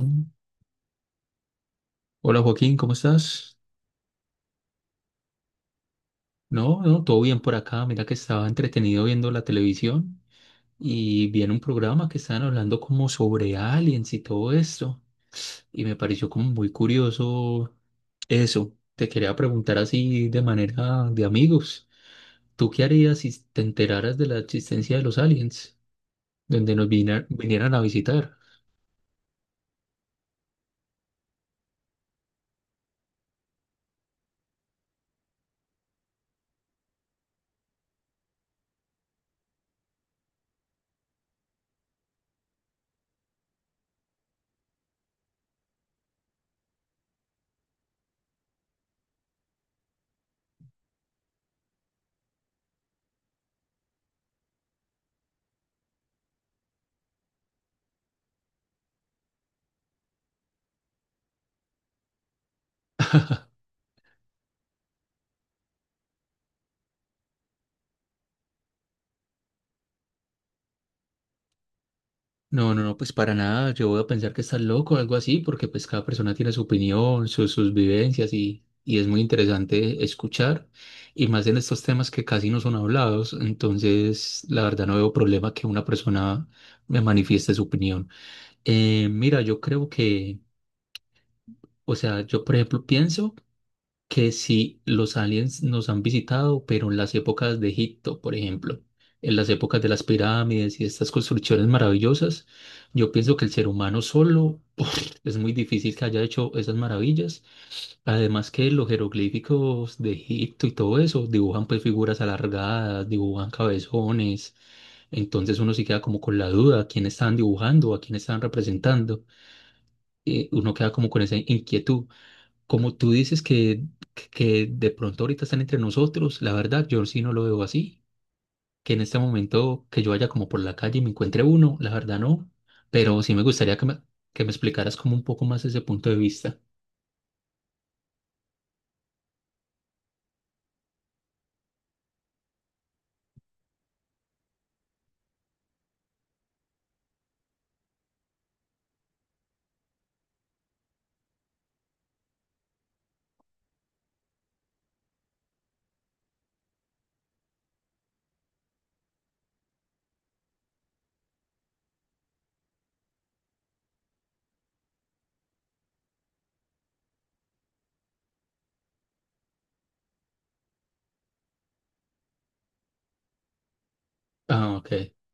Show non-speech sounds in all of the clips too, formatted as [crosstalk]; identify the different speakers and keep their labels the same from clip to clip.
Speaker 1: Mm. Hola, Joaquín, ¿cómo estás? No, no, todo bien por acá. Mira que estaba entretenido viendo la televisión y vi en un programa que estaban hablando como sobre aliens y todo esto. Y me pareció como muy curioso eso. Te quería preguntar así de manera de amigos. ¿Tú qué harías si te enteraras de la existencia de los aliens, donde nos vinieran a visitar? No, no, no, pues para nada. Yo voy a pensar que estás loco o algo así, porque pues cada persona tiene su opinión, sus vivencias y es muy interesante escuchar. Y más en estos temas que casi no son hablados, entonces la verdad no veo problema que una persona me manifieste su opinión. Mira, o sea, yo por ejemplo pienso que si los aliens nos han visitado, pero en las épocas de Egipto, por ejemplo, en las épocas de las pirámides y estas construcciones maravillosas, yo pienso que el ser humano solo es muy difícil que haya hecho esas maravillas. Además que los jeroglíficos de Egipto y todo eso dibujan pues figuras alargadas, dibujan cabezones. Entonces uno sí queda como con la duda, ¿a quién están dibujando, a quién están representando? Y uno queda como con esa inquietud. Como tú dices que de pronto ahorita están entre nosotros, la verdad, yo sí no lo veo así. Que en este momento que yo vaya como por la calle y me encuentre uno, la verdad no. Pero sí me gustaría que me explicaras como un poco más ese punto de vista. Ah, ok. [laughs]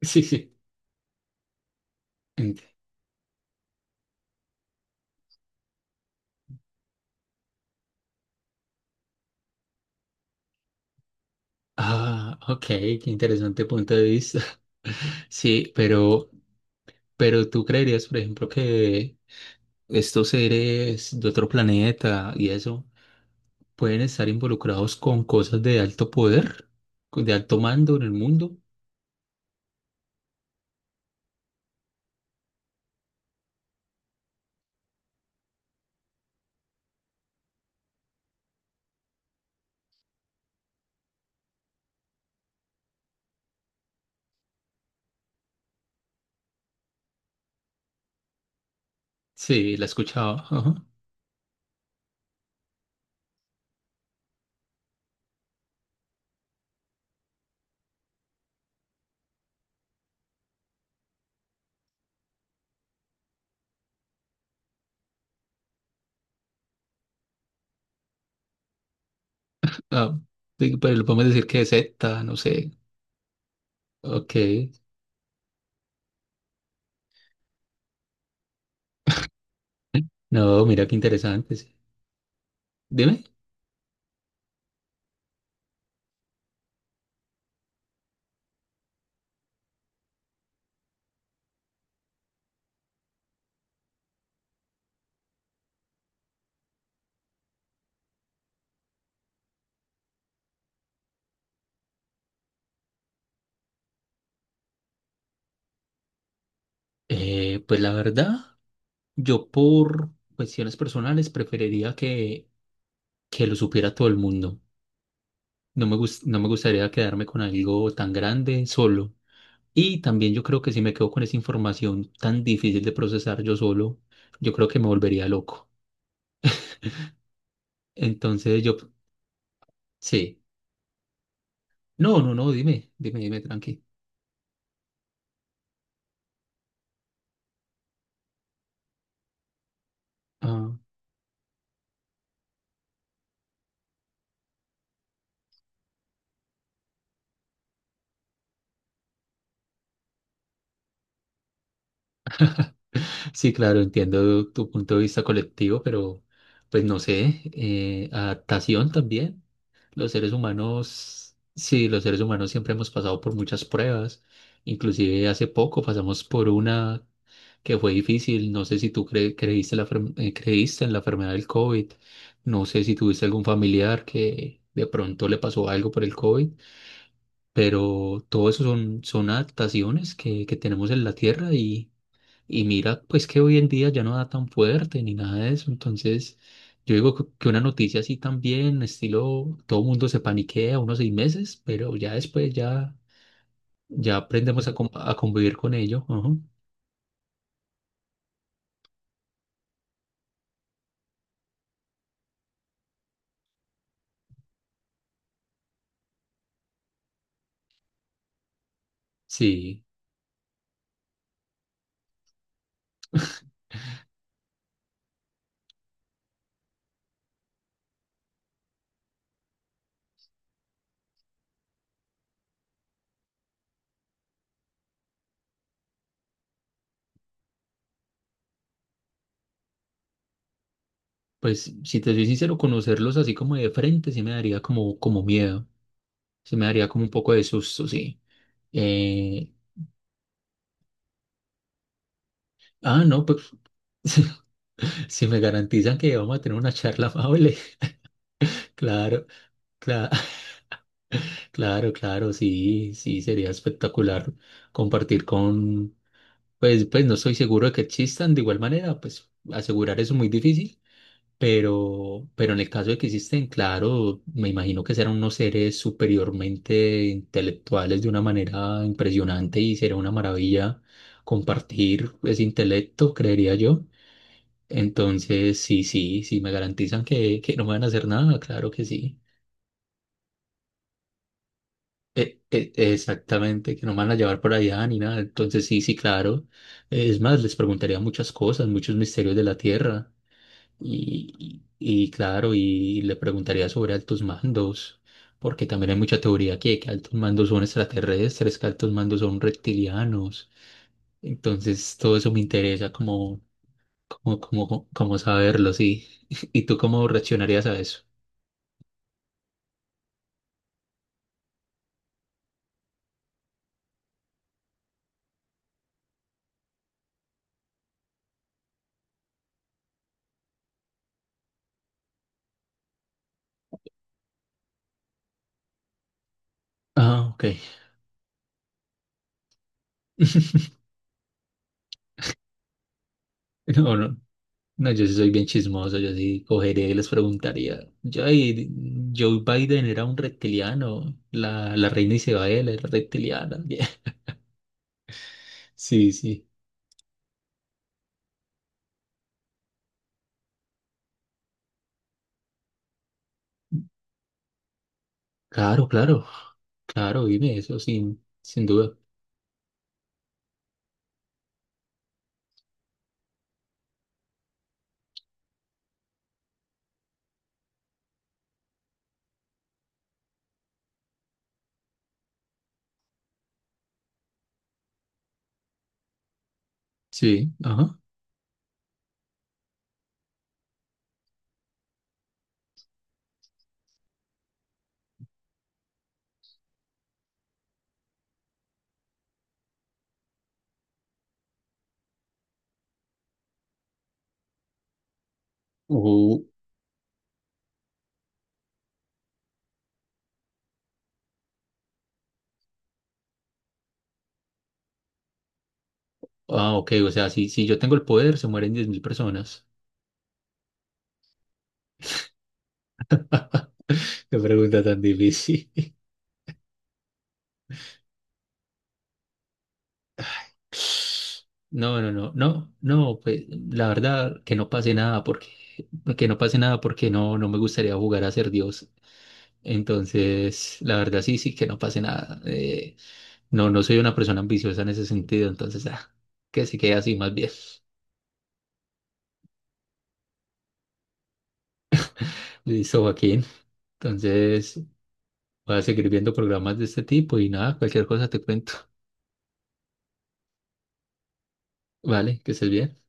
Speaker 1: Sí, sí. Ent- Ah, ok, qué interesante punto de vista. [laughs] Sí, pero tú creerías, por ejemplo, que estos seres de otro planeta y eso pueden estar involucrados con cosas de alto poder, con- de alto mando en el mundo. Sí, la escuchaba, ajá. Ah, sí, pero lo podemos decir que es Z, no sé. Ok. No, mira qué interesante, sí. Dime. Pues la verdad, yo por cuestiones personales preferiría que lo supiera todo el mundo. No me gustaría quedarme con algo tan grande solo. Y también yo creo que si me quedo con esa información tan difícil de procesar yo solo, yo creo que me volvería loco. Entonces yo, sí. No, no, no, dime, dime, dime, tranqui. Ah, [laughs] sí, claro, entiendo tu punto de vista colectivo, pero pues no sé, adaptación también. Los seres humanos, sí, los seres humanos siempre hemos pasado por muchas pruebas. Inclusive hace poco pasamos por una que fue difícil. No sé si tú creíste, creíste en la enfermedad del COVID. No sé si tuviste algún familiar que de pronto le pasó algo por el COVID. Pero todo eso son, son adaptaciones que tenemos en la Tierra y mira, pues que hoy en día ya no da tan fuerte ni nada de eso, entonces yo digo que una noticia así también, estilo, todo el mundo se paniquea unos 6 meses, pero ya después ya, ya aprendemos a convivir con ello, ajá. Sí, pues si te soy sincero, conocerlos así como de frente sí me daría como miedo, sí me daría como un poco de susto, sí. Eh, ah, no, pues... [laughs] Si me garantizan que vamos a tener una charla amable, [laughs] claro, claro, [laughs] claro, claro, sí, sí, sería espectacular compartir con, pues, pues no estoy seguro de que existan, de igual manera, pues asegurar eso es muy difícil, pero en el caso de que existen, claro, me imagino que serán unos seres superiormente intelectuales de una manera impresionante y será una maravilla compartir ese intelecto, creería yo. Entonces, sí, sí, sí, me garantizan que no me van a hacer nada, claro que sí. Exactamente, que no me van a llevar por allá ni nada. Entonces, sí, sí, claro. Es más, les preguntaría muchas cosas, muchos misterios de la Tierra. Y claro, y le preguntaría sobre altos mandos, porque también hay mucha teoría que altos mandos son extraterrestres, que altos mandos son reptilianos. Entonces, todo eso me interesa como saberlo, sí. [laughs] ¿Y tú cómo reaccionarías a eso? Ah, ok. [laughs] No, no, no, yo sí soy bien chismoso, yo sí cogería y les preguntaría, yo, "Ay, Joe Biden era un reptiliano, la reina Isabel era reptiliana. [laughs] Sí, sí. Claro, claro, claro, dime eso sin duda. Sí, ajá. Uh, ah, ok, o sea, si yo tengo el poder, se mueren 10.000 personas. [laughs] Qué pregunta tan difícil. [laughs] No, no, no, no, no, pues la verdad que no pase nada porque que no pase nada porque no, no me gustaría jugar a ser Dios. Entonces, la verdad sí, sí, que no pase nada. No, no soy una persona ambiciosa en ese sentido, entonces ah, que se quede así más bien. Listo, Joaquín. Entonces, voy a seguir viendo programas de este tipo y nada, cualquier cosa te cuento. Vale, que estés bien.